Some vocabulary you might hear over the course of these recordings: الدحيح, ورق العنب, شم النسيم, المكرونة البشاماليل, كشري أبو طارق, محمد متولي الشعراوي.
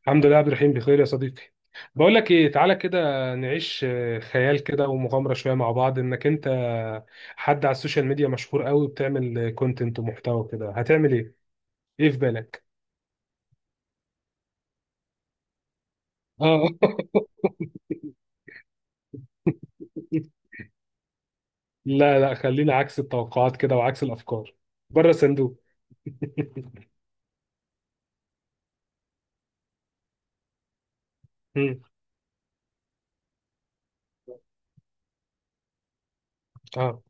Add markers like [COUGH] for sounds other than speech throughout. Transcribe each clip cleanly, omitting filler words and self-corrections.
الحمد لله يا عبد الرحيم، بخير يا صديقي. بقول لك ايه، تعالى كده نعيش خيال كده ومغامره شويه مع بعض، انك انت حد على السوشيال ميديا مشهور قوي وبتعمل كونتنت ومحتوى كده، هتعمل ايه؟ ايه في بالك؟ اه. [LAUGHS] لا لا، خلينا عكس التوقعات كده وعكس الافكار، بره الصندوق. [LAUGHS] مم. اه.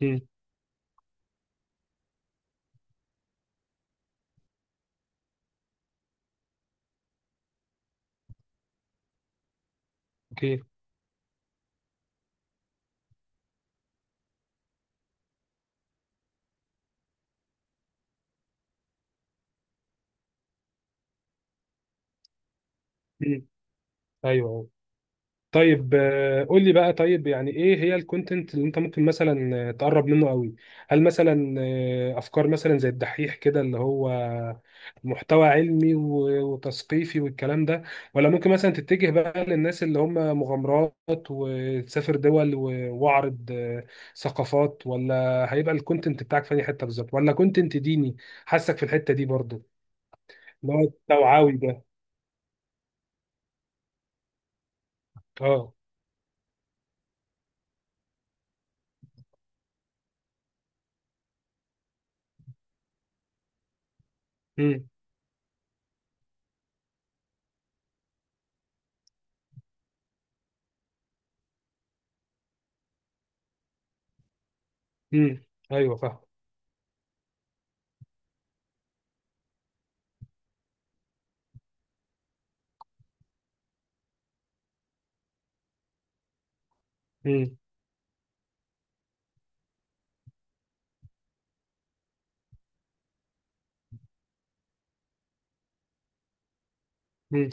مم. اوكي. مم. ايوه، أيوه. طيب قول لي بقى، طيب يعني ايه هي الكونتنت اللي انت ممكن مثلا تقرب منه قوي؟ هل مثلا افكار مثلا زي الدحيح كده اللي هو محتوى علمي وتثقيفي والكلام ده؟ ولا ممكن مثلا تتجه بقى للناس اللي هم مغامرات وتسافر دول واعرض ثقافات؟ ولا هيبقى الكونتنت بتاعك في اي حته بالظبط؟ ولا كونتنت ديني حاسك في الحته دي برضو؟ اللي هو التوعوي ده. اه. امم. امم. ايوه فاهم. امم. امم.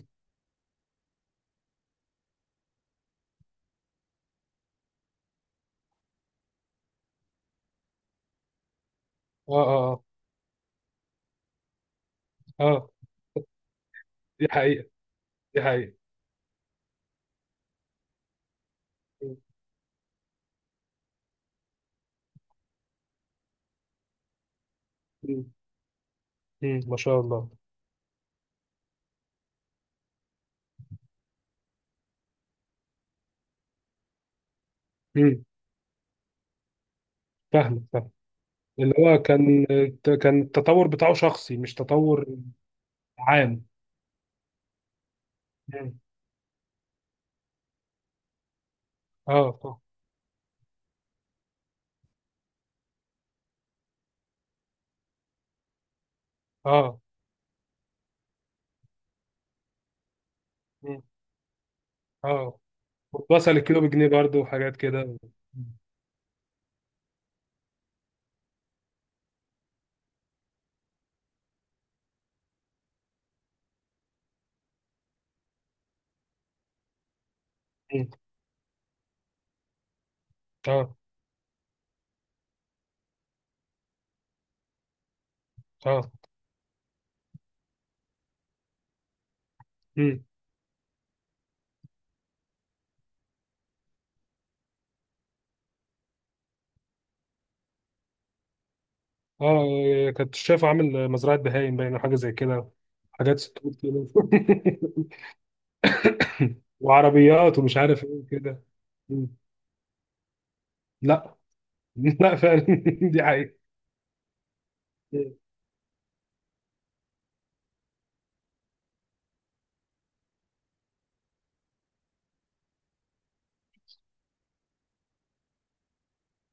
اه اه آه. اه دي حقيقة. دي حقيقة. مم. مم. ما شاء الله. مم. فاهم فاهم. اللي هو كان، كان التطور بتاعه شخصي، مش تطور عام. مم. اه اه اه. مم. اه، وصل الكيلو بجنيه برضه وحاجات كده. مم. اه اه. مم. اه كنت شايفه عامل مزرعة بهايم باين أو حاجة زي كده، حاجات 600 كيلو [LAUGHS] وعربيات ومش عارف ايه كده. مم. لا. [LAUGHS] لا فعلا. [LAUGHS] دي حقيقة.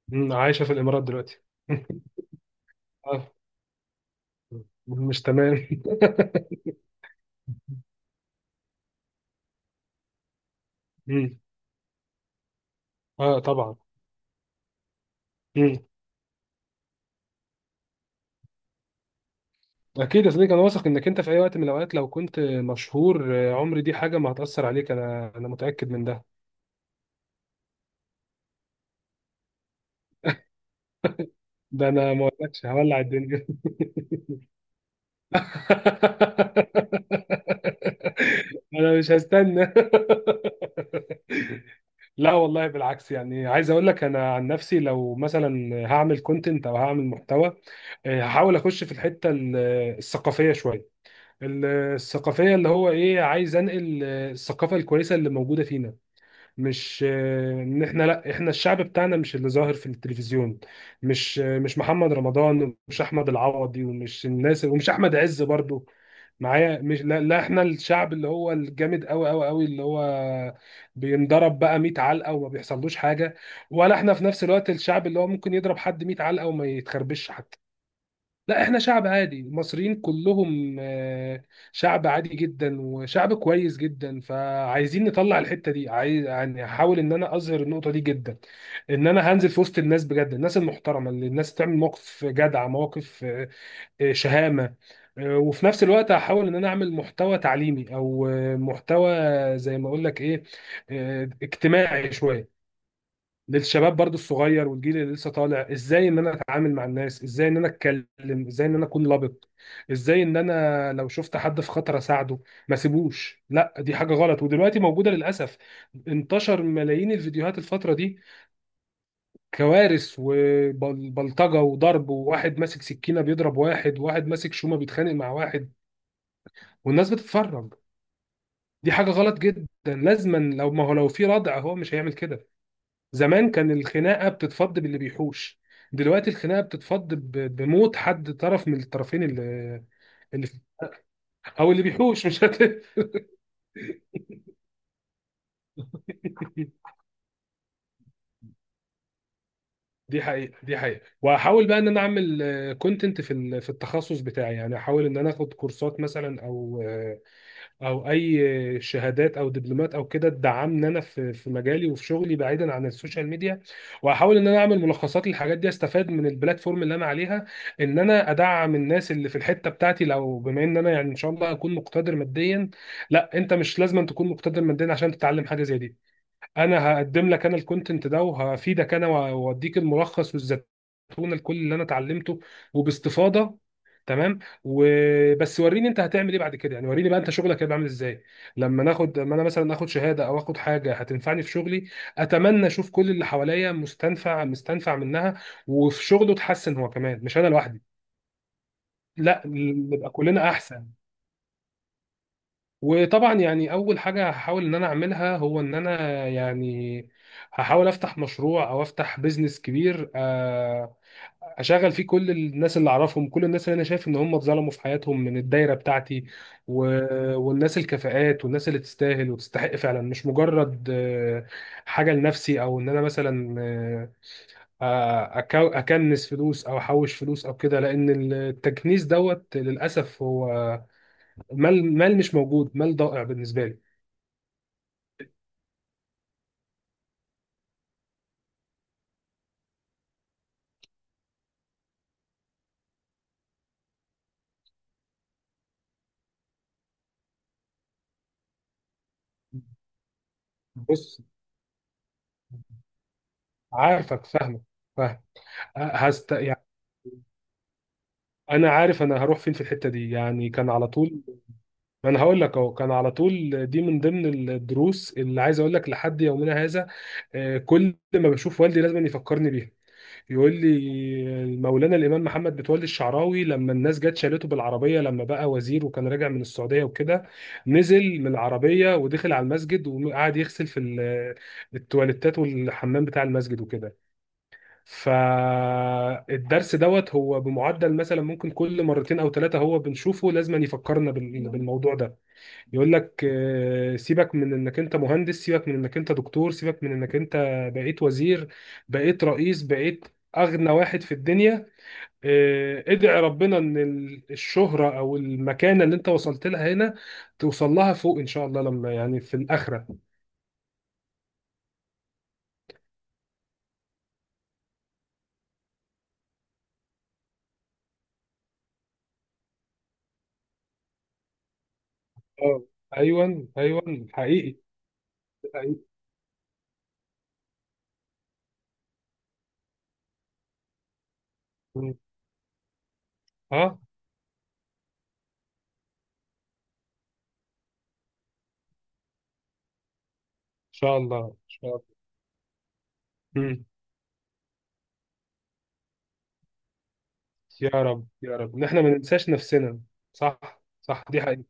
مم، عايشة في الإمارات دلوقتي. [LAUGHS] آه، مش تمام. [LAUGHS] مم. اه طبعا. مم. اكيد يا صديقي، انا واثق انك انت في اي وقت من الاوقات لو كنت مشهور عمري دي حاجه ما هتاثر عليك، انا متاكد من ده. ده انا ما اقولكش هولع الدنيا. [LAUGHS] انا مش هستنى. [LAUGHS] لا والله بالعكس، يعني عايز اقول لك انا عن نفسي لو مثلا هعمل كونتنت او هعمل محتوى، هحاول اخش في الحته الثقافيه شويه. الثقافية اللي هو ايه، عايز انقل الثقافة الكويسة اللي موجودة فينا، مش ان احنا، لا احنا الشعب بتاعنا مش اللي ظاهر في التلفزيون. مش مش محمد رمضان ومش احمد العوضي ومش الناس ومش احمد عز برضو. معايا مش لا, لا احنا الشعب اللي هو الجامد قوي قوي قوي، اللي هو بينضرب بقى 100 علقة وما بيحصلوش حاجة، ولا احنا في نفس الوقت الشعب اللي هو ممكن يضرب حد 100 علقة وما يتخربش حتى. لا احنا شعب عادي، المصريين كلهم شعب عادي جدا وشعب كويس جدا، فعايزين نطلع الحتة دي. عايز يعني هحاول ان انا اظهر النقطة دي جدا، ان انا هنزل في وسط الناس بجد، الناس المحترمة اللي الناس تعمل مواقف جدعة، مواقف شهامة. وفي نفس الوقت هحاول ان انا اعمل محتوى تعليمي او محتوى، زي ما اقول لك ايه، اجتماعي شوية للشباب برضو الصغير والجيل اللي لسه طالع، ازاي ان انا اتعامل مع الناس، ازاي ان انا اتكلم، ازاي ان انا اكون لبق، ازاي ان انا لو شفت حد في خطر اساعده، ما سيبوش. لا دي حاجة غلط ودلوقتي موجودة للأسف. انتشر ملايين الفيديوهات الفترة دي، كوارث وبلطجة وضرب، وواحد ماسك سكينة بيضرب واحد، وواحد ماسك شومة بيتخانق مع واحد، والناس بتتفرج. دي حاجة غلط جدا، لازما لو، ما هو لو في ردع هو مش هيعمل كده. زمان كان الخناقه بتتفض باللي بيحوش، دلوقتي الخناقه بتتفض بموت حد طرف من الطرفين، اللي او اللي بيحوش مش [LAUGHS] دي حقيقه دي حقيقه. واحاول بقى ان انا اعمل كونتنت في في التخصص بتاعي، يعني احاول ان انا اخد كورسات مثلا او اي شهادات او دبلومات او كده تدعمني انا في في مجالي وفي شغلي بعيدا عن السوشيال ميديا. واحاول ان انا اعمل ملخصات للحاجات دي، استفاد من البلاتفورم اللي انا عليها، ان انا ادعم الناس اللي في الحته بتاعتي لو، بما ان انا يعني ان شاء الله اكون مقتدر ماديا. لا انت مش لازم أن تكون مقتدر ماديا عشان تتعلم حاجه زي دي. انا هقدم لك انا الكونتنت ده وهفيدك انا، واوديك الملخص والزتونه لكل اللي انا اتعلمته وباستفاضه. تمام، وبس وريني انت هتعمل ايه بعد كده، يعني وريني بقى انت شغلك هيبقى عامل ازاي لما ناخد، لما انا مثلا اخد شهاده او اخد حاجه هتنفعني في شغلي، اتمنى اشوف كل اللي حواليا مستنفع مستنفع منها وفي شغله اتحسن هو كمان مش انا لوحدي. لا نبقى كلنا احسن. وطبعا يعني اول حاجه هحاول ان انا اعملها، هو ان انا يعني هحاول افتح مشروع او افتح بيزنس كبير اشغل فيه كل الناس اللي اعرفهم، كل الناس اللي انا شايف ان هم اتظلموا في حياتهم من الدايره بتاعتي، و... والناس الكفاءات والناس اللي تستاهل وتستحق فعلا، مش مجرد حاجه لنفسي، او ان انا مثلا اكنس فلوس او احوش فلوس او كده، لان التكنيس دوت للاسف هو مال، مال مش موجود، مال ضائع بالنسبه لي. بص، عارفك، فاهمك. فاهم. هست يعني. انا عارف انا هروح فين في الحته دي، يعني كان على طول، ما انا هقول لك اهو. كان على طول دي من ضمن الدروس اللي عايز اقول لك لحد يومنا هذا، كل ما بشوف والدي لازم يفكرني بيها. يقول لي مولانا الامام محمد متولي الشعراوي لما الناس جت شالته بالعربيه لما بقى وزير وكان راجع من السعوديه وكده، نزل من العربيه ودخل على المسجد وقعد يغسل في التواليتات والحمام بتاع المسجد وكده. فالدرس دوت هو بمعدل مثلا ممكن كل مرتين او ثلاثه هو بنشوفه، لازم يفكرنا بالموضوع ده. يقول لك سيبك من انك انت مهندس، سيبك من انك انت دكتور، سيبك من انك انت بقيت وزير، بقيت رئيس، بقيت اغنى واحد في الدنيا. ادعي ربنا ان الشهره او المكانه اللي انت وصلت لها هنا، توصل لها فوق ان شاء الله لما يعني في الاخره. اه ايوه ايوه حقيقي. حقيقي. اه. ان شاء الله ان شاء الله. مم. يا رب يا رب ان احنا ما ننساش نفسنا. صح صح دي حقيقة.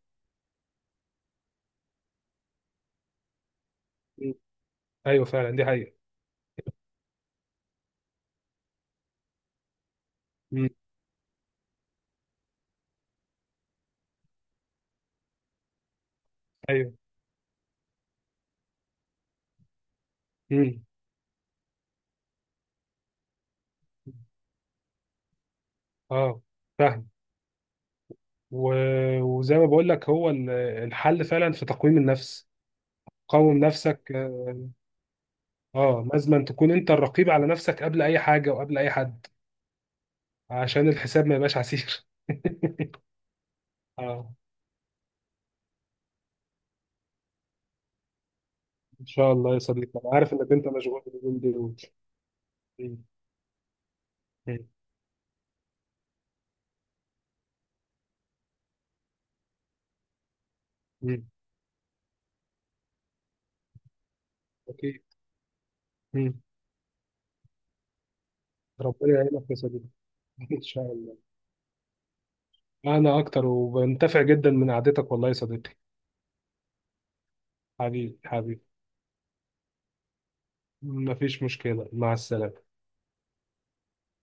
مم. ايوه فعلا دي حقيقة. مم. ايوه. مم. اه فاهم. و... وزي ما بقول لك هو الحل فعلا في تقويم النفس، قوم نفسك. اه، لازم تكون انت الرقيب على نفسك قبل اي حاجة وقبل اي حد، عشان الحساب ما يبقاش عسير. [LAUGHS] اه ان شاء الله يا صديقي، انا عارف انك انت مشغول اليومين دول. مم. مم. مم. اكيد. مم. ربنا يعينك يا صديقي. [LAUGHS] ان شاء الله. أنا أكتر وبنتفع جدا من قعدتك والله يا صديقي. حبيبي حبيبي. مفيش مشكلة، مع السلامة.